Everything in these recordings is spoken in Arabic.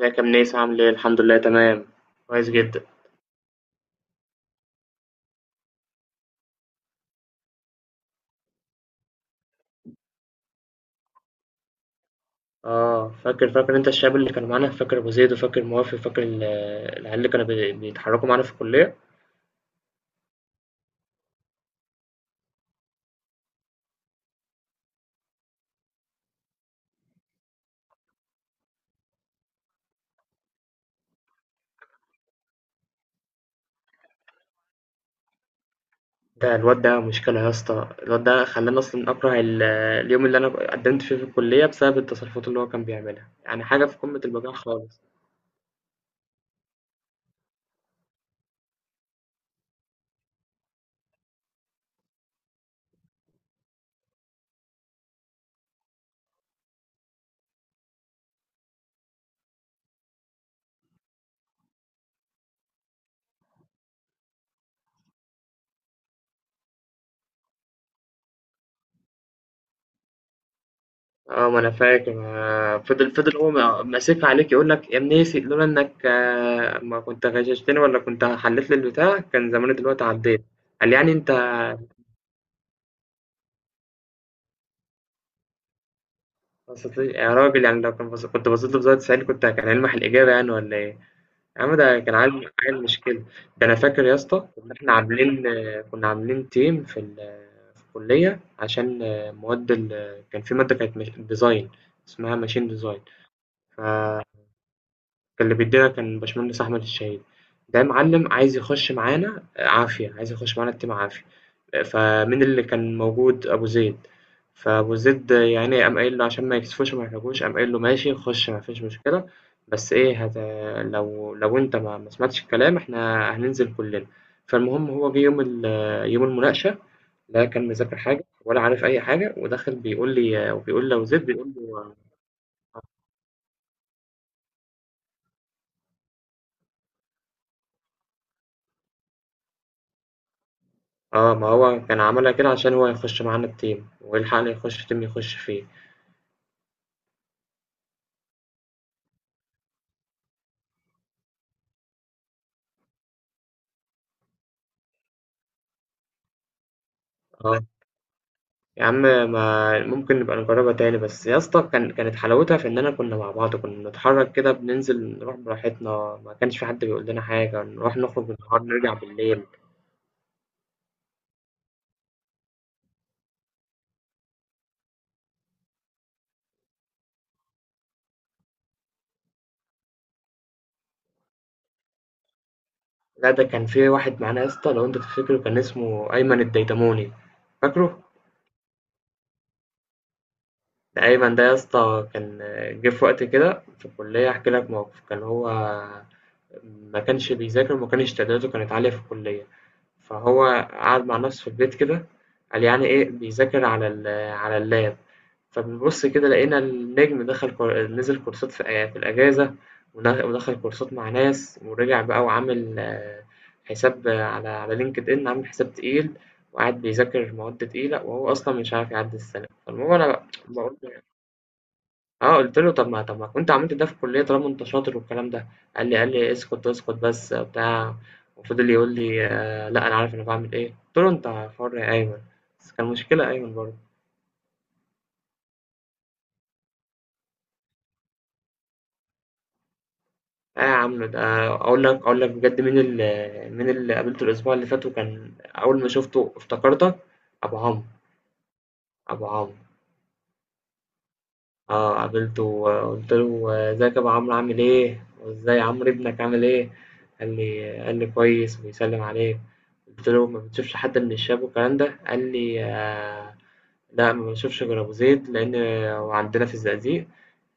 ازيك يا منيس؟ عامل ايه؟ الحمد لله، تمام، كويس جدا. اه، فاكر انت الشباب اللي كانوا معانا، فاكر ابو زيد وفاكر موافي، فاكر العيال اللي كانوا بيتحركوا معانا في الكليه. ده الواد ده مشكله يا اسطى، الواد ده خلاني اصلا اكره اليوم اللي انا قدمت فيه في الكليه بسبب التصرفات اللي هو كان بيعملها، يعني حاجه في قمه البجاعه خالص. اه ما انا فاكر. فضل هو ماسك عليك يقول لك: يا منيسي، لولا انك ما كنت غششتني ولا كنت حلت لي البتاع كان زماني دلوقتي عديت. قال لي: يعني انت بسط لي يا راجل، يعني لو كان كنت بصيت له بزاوية 90 كنت كان هيلمح الإجابة يعني ولا إيه؟ يا عم ده كان عيل عيل، مش كده؟ ده أنا فاكر يا اسطى كنا إحنا عاملين، كنا عاملين تيم في في الكلية، عشان مواد كان في مادة كانت مش... ديزاين، اسمها ماشين ديزاين. كان اللي بيدينا كان باشمهندس أحمد الشهيد، ده معلم عايز يخش معانا، عافية، عايز يخش معانا الteam، عافية. فمين اللي كان موجود؟ أبو زيد. فأبو زيد يا عيني قام قايل له، عشان ما يكسفوش وما يحرجوش، قام قايل له: ماشي، خش، ما فيش مشكلة، بس إيه؟ لو أنت ما سمعتش الكلام إحنا هننزل كلنا. فالمهم هو جه يوم المناقشة، لا كان مذاكر حاجة ولا عارف أي حاجة، وداخل بيقول لي وبيقول لأبو زيد، بيقول له: ما هو كان عملها كده عشان هو يخش معانا الteam ويلحقنا، يخش team يخش فيه. آه، يا عم، ما ممكن نبقى نجرّبها تاني، بس يا اسطى كان كانت حلاوتها في إننا كنا مع بعض، كنا بنتحرّك كده، بننزل نروح براحتنا، ما كانش في حد بيقول لنا حاجة، نروح نخرج بالنهار نرجع بالليل. لأ، ده كان في واحد معانا يا اسطى، لو أنت تفتكره، كان اسمه أيمن الديدموني، فاكره؟ ده أيمن ده يا اسطى كان جه في وقت كده في الكلية، هاحكي لك موقف. كان هو ما كانش بيذاكر وما كانش تقديراته كانت عالية في الكلية، فهو قعد مع نفسه في البيت كده، قال يعني إيه، بيذاكر على على اللاب. فبنبص كده لقينا النجم دخل نزل كورسات في الأجازة، ودخل كورسات مع ناس، ورجع بقى وعامل حساب على لينكد إن، عامل حساب تقيل، وقاعد بيذاكر مواد تقيلة وهو أصلا مش عارف يعدي السنة. فالمهم أنا بقول آه، قُلت له: طَب ما كنت عملت ده في الكُلّية طالما أنت شاطر والكلام ده. قال لي: اسكت، اسكت بس، بتاع. وفضل يقول لي: لأ، أنا عارف أنا باعمل إيه. قُلت له: أنت حُر يا أيمن. بس كان مشكلة أيمن برضه. آه يا عم ده، أقول لك بجد، مين مين اللي قابلته الأسبوع اللي فات وكان أول ما شُفته افتكرتك؟ أبو عمرو. أبو عمرو. آه، قابلته وقلت له: ازيك يا ابو عمرو، عامل ايه؟ وازاي عمرو ابنك، عامل ايه؟ قال لي: كويس وبيسلم عليك. قلت له: ما بتشوفش حد من الشباب والكلام ده؟ قال لي: لا، ما بشوفش غير ابو زيد، لان هو عندنا في الزقازيق،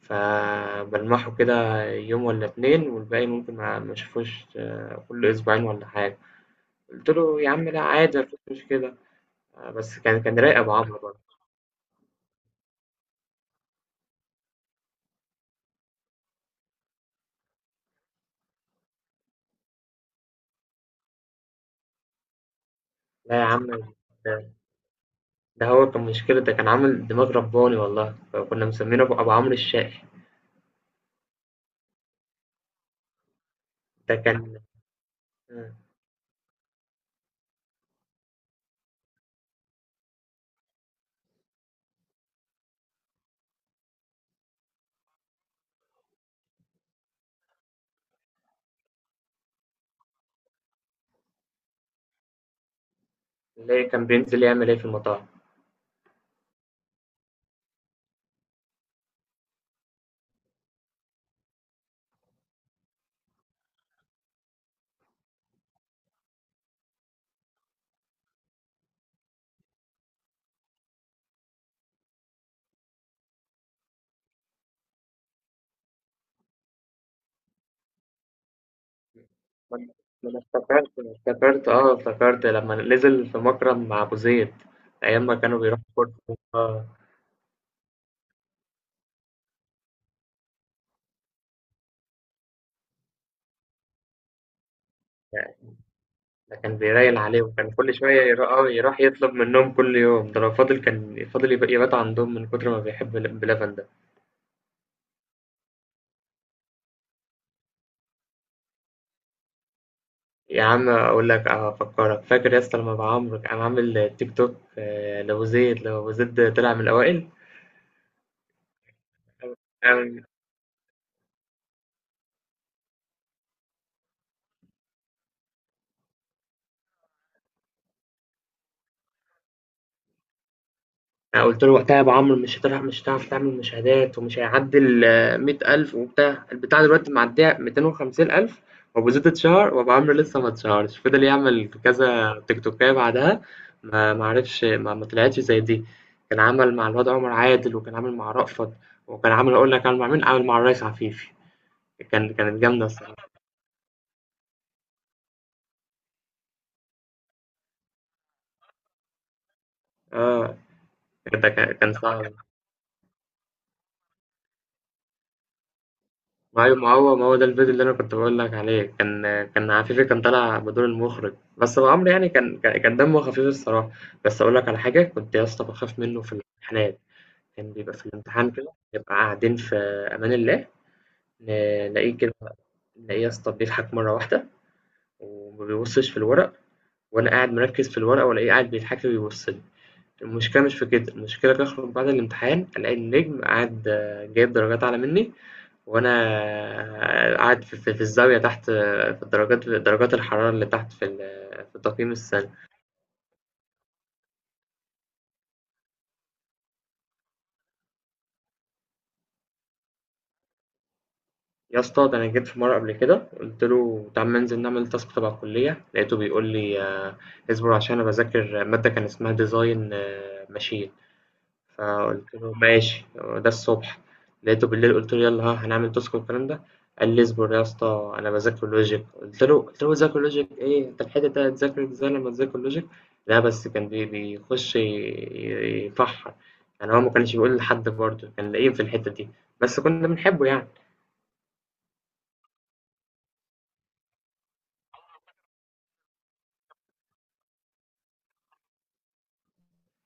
فبلمحه كده يوم ولا اتنين، والباقي ممكن ما اشوفوش، كل اسبوعين ولا حاجه. قلت له: يا عم، لا عادي، مفيش مشكله. بس كان رايق ابو عمرو برضه. لا يا عم، ده هو كان مشكلة، ده كان عامل دماغ رباني والله، فكنا مسمينه أبو عمرو الشقي. ده كان. آه، اللي كان بينزل يعمل إيه في المطاعم. ما أنا ما أنا افتكرت، افتكرت لما نزل في مكرم مع أبو زيد أيام ما كانوا بيروحوا كورة. آه، ده كان بيرايل عليه، وكان كل شوية يروح، يروح يطلب منهم كل يوم، ده لو فاضل كان فاضل يبات عندهم من كتر ما بيحب بلبن ده. يا عم اقول لك، افكرك، فاكر يا اسطى لما ابو عمرو كان عامل تيك توك؟ لو زيد طلع من الاوائل. انا أنا قلت له وقتها: يا ابو عمرو مش هتلعب، مش هتعرف تعمل مشاهدات، ومش هيعدي ال 100,000، وبتاع البتاع دلوقتي معديه 250,000. وابو زيد اتشهر وابو عمرو لسه ما اتشهرش، فضل يعمل كذا تيك توكايه بعدها، ما عرفش، ما طلعتش زي دي. كان عمل مع الواد عمر عادل، وكان عامل مع رأفت، وكان عامل، اقول لك عامل مع مين، عامل مع الريس عفيفي. كانت جامده. آه، ده كان صعب. ما هو ده الفيديو اللي أنا كنت بقول لك عليه، كان عفيفي كان طالع بدور المخرج، بس أبو عمرو يعني كان دمه خفيف الصراحة. بس أقول لك على حاجة، كنت يا اسطى بخاف منه في الامتحانات. كان بيبقى في الامتحان كده، نبقى قاعدين في أمان الله، نلاقيه كده، نلاقيه يا اسطى بيضحك مرة واحدة وما بيبصش في الورق، وأنا قاعد مركز في الورقة وألاقيه قاعد بيضحك لي وبيبص لي. المشكلة مش في كده، المشكلة بخرج بعد الامتحان ألاقي النجم قاعد، جايب درجات أعلى مني، وانا قاعد في في الزاويه تحت، في درجات الحراره اللي تحت في في التقييم السنوي. يا اسطى، ده انا جيت في مره قبل كده، قلت له: تعال ما ننزل نعمل تاسك تبع الكليه. لقيته بيقول لي: اصبر عشان انا بذاكر ماده كان اسمها ديزاين ماشين. فقُلت له: ماشي. ده الصبح. لقيته بالليل، قُلت له: يالّا، ها هنعمل تاسك والكلام ده. قال لي: اصبر يا اسطى أنا باذاكر logic. قُلت له: باذاكر logic إيه؟ أنت الحتة دي هتذاكر إزاي لمّا تذاكر logic؟ لأ بس كان بيخش يفحّر، يعني هو ما كانش بيقول لحد برضه، كان لئيم في الحتة دي، بس كُنّا بنحبه يعني.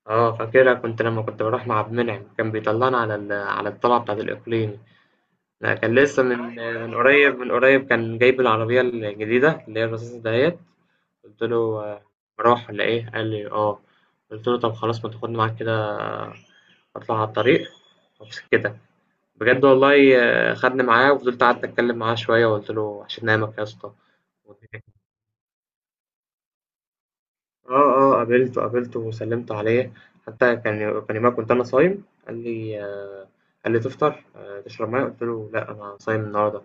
آه فاكرها. كنت لمّا كنت باروح مع عبد المنعم، كان بيطلّعنا على على الطلعة بتاعة الإقليمي. لأ كان لسه من قريب من قريب، كان جايب العربية الجديدة اللي هي الرصاصة دهيّة. قُلت له: مروّح والّا إيه؟ قال لي: آه. قُلت له: طب خلاص، ما تاخدني معاك كده، أطلع على الطريق وأبص كده. بجد والله، خدني معاه وفضلت قعدت أتكلم معاه شوية، وقُلت له: عشان أنامك يا اسطى. والدنيا آه. آه، قابلته، قابلته وسلِّمت عليه، حتى كان يومها كنت أنا صايم، قال لي، قال لي: تفطر، تشرب مَيّة؟ قُلت له: لأ، أنا صايم النهارده.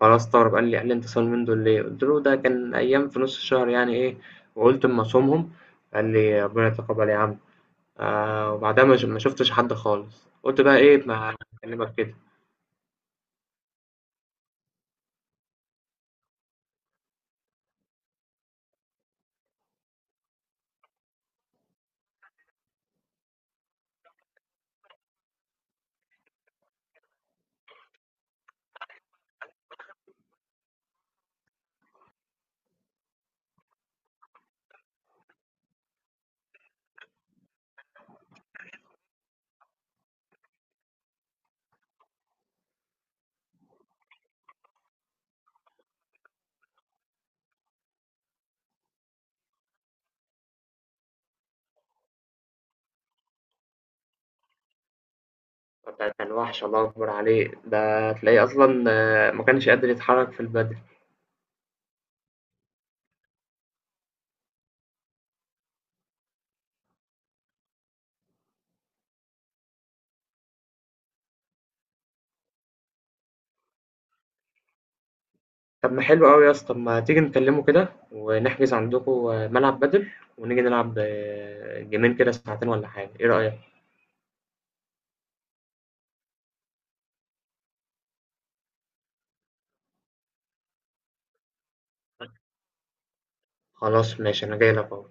فأنا استغرب، قال لي: أنت صايم اليومين دول ليه؟ قُلت له: ده كان أيام في نُص الشهر يعني إيه، وقُلت أمّا أصومهم. قال لي: ربنا يتقبّل يا عم. وبعدها ما شُفتش حد خالص، قُلت بقى إيه، ما أكلّمك كده. ده كان وَحش، الله أكبر عليه، ده تلاقيه أصلًا، ما كانش قادر يتحرّك في البدن. طب ما حلو أوي يا اسطى، طب ما تيجي نكلمه كده ونحجز عندكوا ملعب بدل، ونيجي نلعب، جيمين كده ساعتين ولا حاجة، إيه رأيك؟ خلاص ماشي، أنا جاي لك أهو.